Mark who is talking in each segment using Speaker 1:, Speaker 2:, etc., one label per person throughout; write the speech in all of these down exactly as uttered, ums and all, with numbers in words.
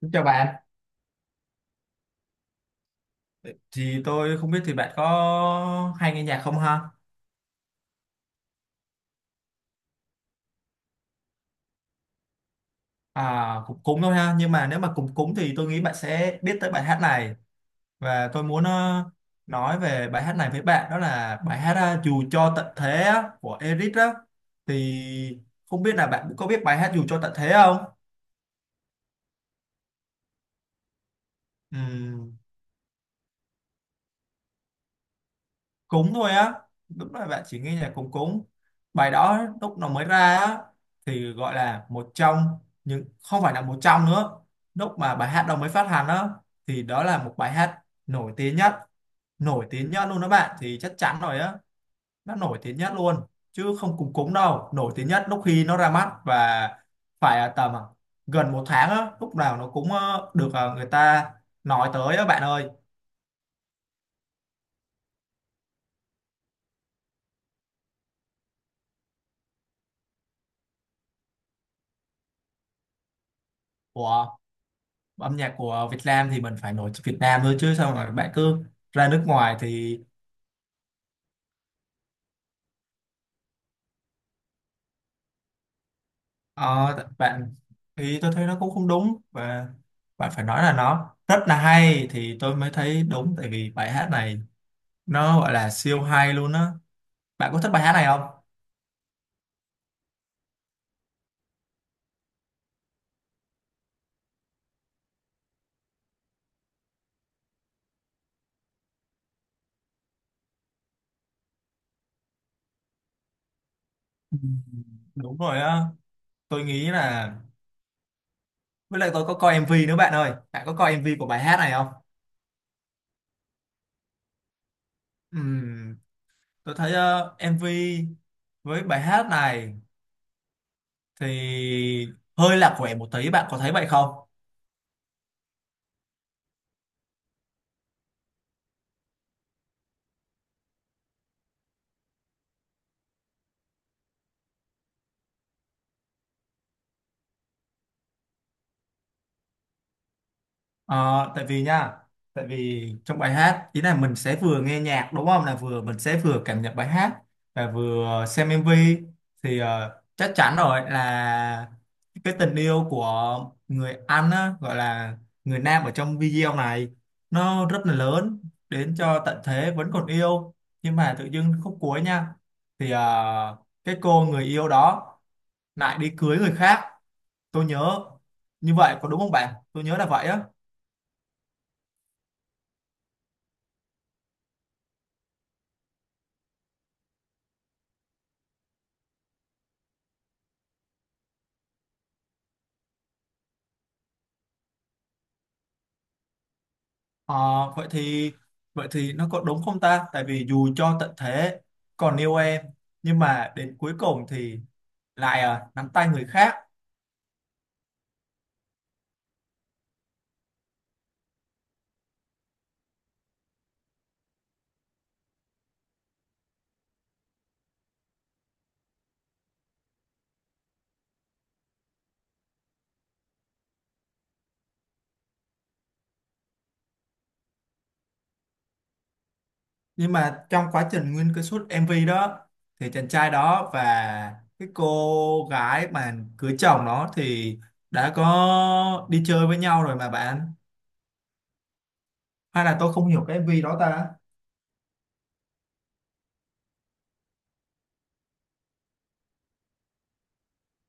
Speaker 1: Xin chào bạn, thì tôi không biết thì bạn có hay nghe nhạc không ha? À, cũng cúng thôi ha, nhưng mà nếu mà cúng cúng thì tôi nghĩ bạn sẽ biết tới bài hát này và tôi muốn ờ, nói về bài hát này với bạn, đó là bài hát ờ, Dù cho tận thế á, của Eric đó. Thì không biết là bạn có biết bài hát Dù cho tận thế không? Ừ. Cúng thôi á, đúng là bạn chỉ nghe nhạc cúng cúng. Bài đó lúc nó mới ra á thì gọi là một trong những, không phải là một trong nữa, lúc mà bài hát đó mới phát hành á thì đó là một bài hát nổi tiếng nhất, nổi tiếng nhất luôn đó bạn, thì chắc chắn rồi á, nó nổi tiếng nhất luôn chứ không cúng cúng đâu, nổi tiếng nhất lúc khi nó ra mắt. Và phải là tầm gần một tháng á, lúc nào nó cũng ờ, được, ờ, người ta nói tới á bạn ơi. Ủa, âm nhạc của Việt Nam thì mình phải nổi tiếng Việt Nam thôi chứ sao mà bạn cứ ra nước ngoài thì ờ, bạn. Thì tôi thấy nó cũng không đúng, và bạn phải nói là nó rất là hay thì tôi mới thấy đúng, tại vì bài hát này nó gọi là siêu hay luôn á. Bạn có thích bài hát này không? Ừ, đúng rồi á. Tôi nghĩ là, với lại tôi có coi em vê nữa bạn ơi, bạn có coi em vê của bài hát này không? Ừm, tôi thấy ờ, em vê với bài hát này thì hơi lạc quẻ một tí, bạn có thấy vậy không? Ờ, tại vì nha, tại vì trong bài hát ý là mình sẽ vừa nghe nhạc đúng không, là vừa mình sẽ vừa cảm nhận bài hát và vừa xem em vê, thì ờ, chắc chắn rồi là cái tình yêu của người anh á, gọi là người nam ở trong video này nó rất là lớn, đến cho tận thế vẫn còn yêu. Nhưng mà tự dưng khúc cuối nha, thì ờ, cái cô người yêu đó lại đi cưới người khác. Tôi nhớ như vậy có đúng không bạn, tôi nhớ là vậy á. Ờ, vậy thì, vậy thì nó có đúng không ta? Tại vì dù cho tận thế còn yêu em, nhưng mà đến cuối cùng thì lại à, nắm tay người khác. Nhưng mà trong quá trình nguyên cái suốt em vê đó thì chàng trai đó và cái cô gái mà cưới chồng đó thì đã có đi chơi với nhau rồi mà bạn. Hay là tôi không hiểu cái em vê đó ta?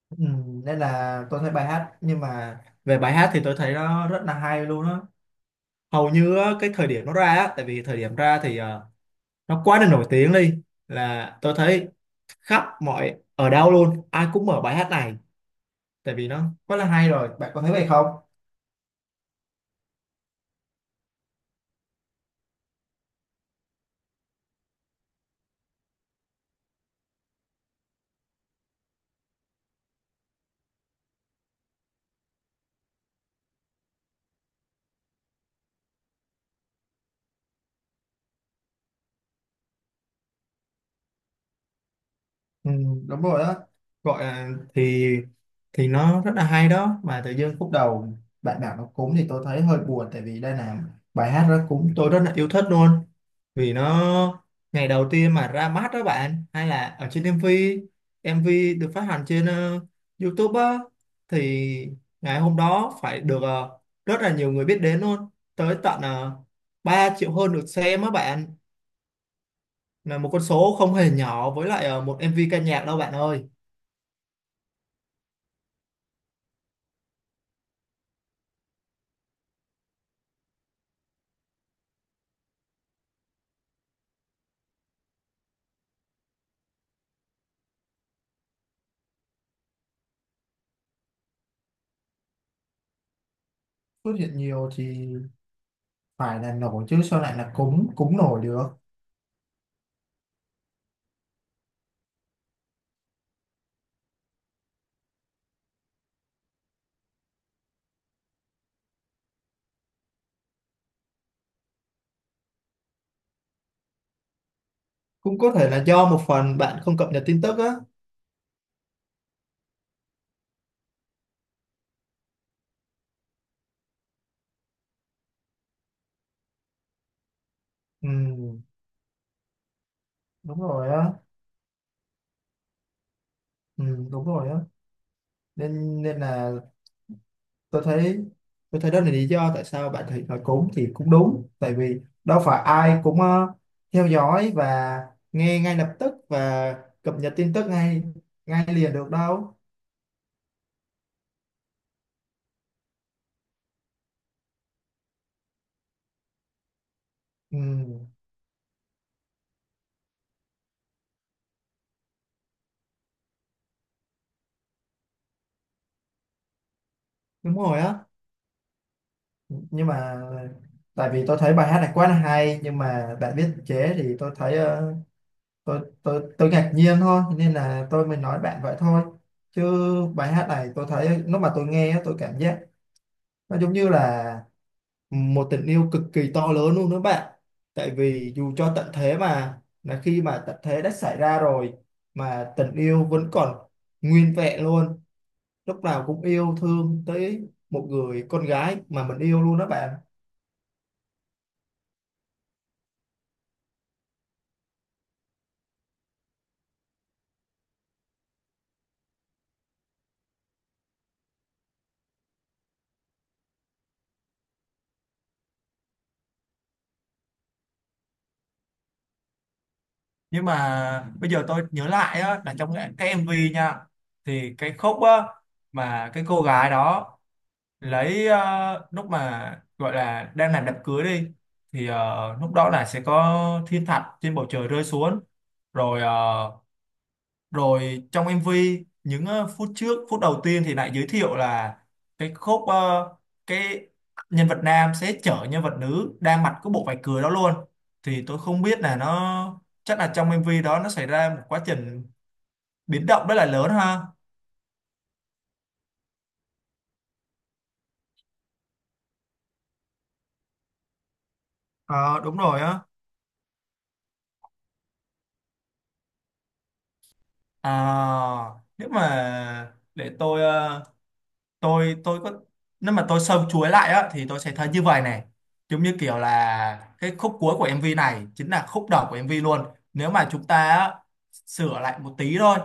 Speaker 1: Ừ, nên là tôi thấy bài hát, nhưng mà về bài hát thì tôi thấy nó rất là hay luôn á. Hầu như á, cái thời điểm nó ra á, tại vì thời điểm ra thì ờ, nó quá là nổi tiếng đi, là tôi thấy khắp mọi ở đâu luôn, ai cũng mở bài hát này tại vì nó quá là hay rồi. Bạn có thấy vậy không? Ừ, đúng rồi đó, gọi là thì thì nó rất là hay đó. Mà tự dưng khúc đầu bạn bảo nó cúng thì tôi thấy hơi buồn, tại vì đây là bài hát đó cúng tôi rất là yêu thích luôn, vì nó ngày đầu tiên mà ra mắt đó bạn, hay là ở trên em vê em MV được phát hành trên ờ, YouTube á, thì ngày hôm đó phải được ờ, rất là nhiều người biết đến luôn, tới tận uh, ba triệu hơn được xem á bạn, là một con số không hề nhỏ với lại ờ, một em vê ca nhạc đâu bạn ơi. Xuất hiện nhiều thì phải là nổi chứ, sao lại là cúng cúng nổi được. Cũng có thể là do một phần bạn không cập nhật tin tức á. Ừ, đúng rồi á. Ừ, đúng rồi á. Nên nên là tôi thấy, tôi thấy đó là lý do tại sao bạn thấy nói cúng thì cũng đúng, tại vì đâu phải ai cũng ờ, theo dõi và nghe ngay lập tức và cập nhật tin tức ngay ngay liền được đâu. Ừ, đúng rồi á. Nhưng mà tại vì tôi thấy bài hát này quá là hay nhưng mà bạn viết chế thì tôi thấy ờ, tôi tôi tôi ngạc nhiên thôi nên là tôi mới nói bạn vậy thôi, chứ bài hát này tôi thấy lúc mà tôi nghe á, tôi cảm giác nó giống như là một tình yêu cực kỳ to lớn luôn đó bạn, tại vì dù cho tận thế mà, là khi mà tận thế đã xảy ra rồi mà tình yêu vẫn còn nguyên vẹn luôn, lúc nào cũng yêu thương tới một người con gái mà mình yêu luôn đó bạn. Nhưng mà bây giờ tôi nhớ lại á, là trong cái cái em vê nha, thì cái khúc á, mà cái cô gái đó lấy ờ, lúc mà gọi là đang làm đám cưới đi, thì ờ, lúc đó là sẽ có thiên thạch trên bầu trời rơi xuống, rồi ờ, rồi trong em vê những ờ, phút trước phút đầu tiên thì lại giới thiệu là cái khúc ờ, cái nhân vật nam sẽ chở nhân vật nữ đang mặc cái bộ vải cười đó luôn. Thì tôi không biết là nó chắc là trong em vê đó nó xảy ra một quá trình biến động rất là lớn ha. Ờ đúng rồi á. À, nếu mà để tôi ờ, tôi tôi có, nếu mà tôi sâu chuối lại á thì tôi sẽ thấy như vậy này: giống như kiểu là cái khúc cuối của em vê này chính là khúc đầu của em vê luôn. Nếu mà chúng ta á, sửa lại một tí thôi,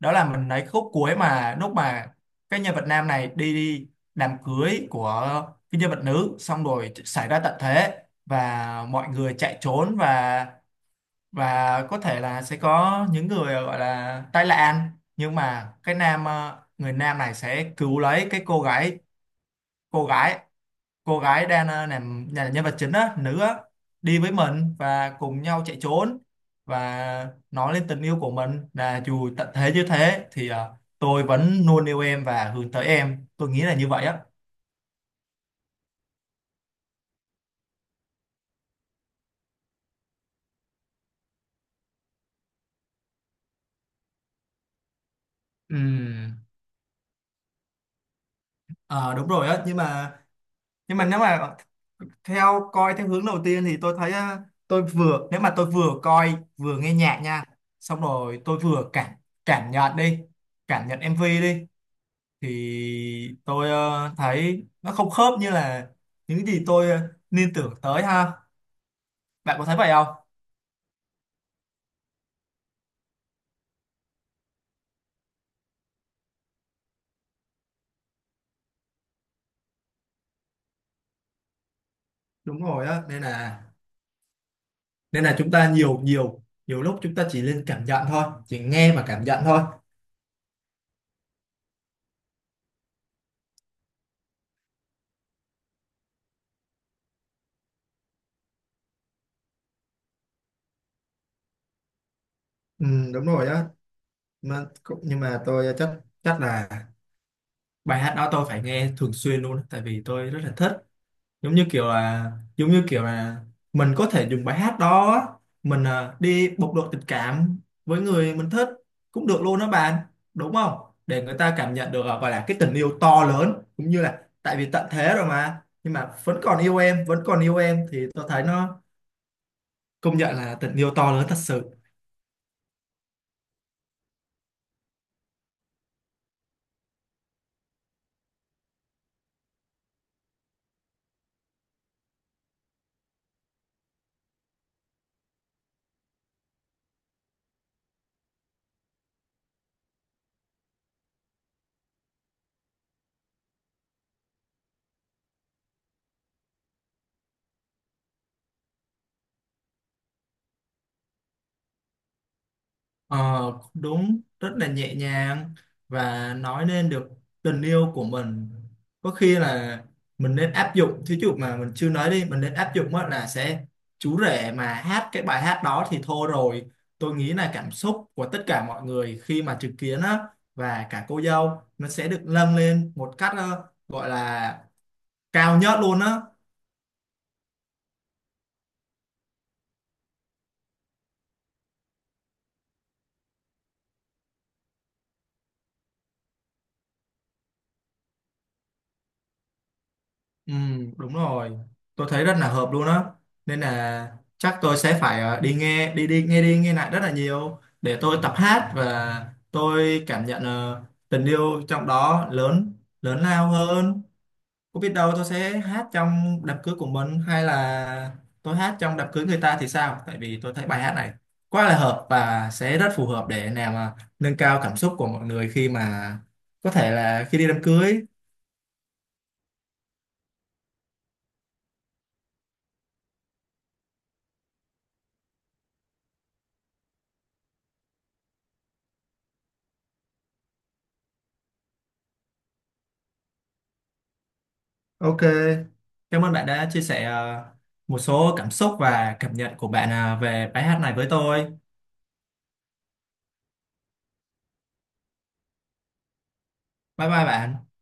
Speaker 1: đó là mình lấy khúc cuối, mà lúc mà cái nhân vật nam này đi, đi đám cưới của cái nhân vật nữ, xong rồi xảy ra tận thế và mọi người chạy trốn, và và có thể là sẽ có những người gọi là tai nạn, nhưng mà cái nam ờ, người nam này sẽ cứu lấy cái cô gái, cô gái cô gái đang ờ, làm nhà nhân vật chính á, nữ á, đi với mình và cùng nhau chạy trốn, và nói lên tình yêu của mình là dù tận thế như thế thì ờ, tôi vẫn luôn yêu em và hướng tới em. Tôi nghĩ là như vậy á. Ừ. Ờ, đúng rồi á. Nhưng mà nhưng mà nếu mà theo coi theo hướng đầu tiên thì tôi thấy á, tôi vừa, nếu mà tôi vừa coi vừa nghe nhạc nha, xong rồi tôi vừa cảm cảm nhận đi, cảm nhận em vê đi, thì tôi ờ, thấy nó không khớp như là những gì tôi ờ, liên tưởng tới ha. Bạn có thấy vậy không? Đúng rồi á, nên là nên là chúng ta nhiều nhiều nhiều lúc chúng ta chỉ nên cảm nhận thôi, chỉ nghe và cảm nhận thôi. Ừ, đúng rồi á, mà cũng- nhưng mà tôi chắc chắc là bài hát đó tôi phải nghe thường xuyên luôn á, tại vì tôi rất là thích. giống như kiểu là giống như kiểu là mình có thể dùng bài hát đó á, mình à, đi bộc lộ tình cảm với người mình thích cũng được luôn đó bạn, đúng không, để người ta cảm nhận được à, gọi là cái tình yêu to lớn, cũng như là tại vì tận thế rồi mà nhưng mà vẫn còn yêu em vẫn còn yêu em, thì tôi thấy nó công nhận là tình yêu to lớn thật sự. Ờ, đúng, rất là nhẹ nhàng và nói nên được tình yêu của mình. Có khi là mình nên áp dụng, thí dụ mà mình chưa nói đi, mình nên áp dụng á là sẽ chú rể mà hát cái bài hát đó thì thôi rồi, tôi nghĩ là cảm xúc của tất cả mọi người khi mà chứng kiến á và cả cô dâu nó sẽ được nâng lên một cách ờ, gọi là cao nhất luôn á. Ừ, đúng rồi. Tôi thấy rất là hợp luôn á. Nên là chắc tôi sẽ phải ờ, đi nghe, đi đi nghe đi nghe lại rất là nhiều để tôi tập hát và tôi cảm nhận ờ, tình yêu trong đó lớn lớn lao hơn. Có biết đâu tôi sẽ hát trong đám cưới của mình, hay là tôi hát trong đám cưới người ta thì sao? Tại vì tôi thấy bài hát này quá là hợp và sẽ rất phù hợp để làm ờ, nâng cao cảm xúc của mọi người khi mà có thể là khi đi đám cưới. Ok, cảm ơn bạn đã chia sẻ ờ, một số cảm xúc và cảm nhận của bạn ờ, về bài hát này với tôi. Bye bye bạn.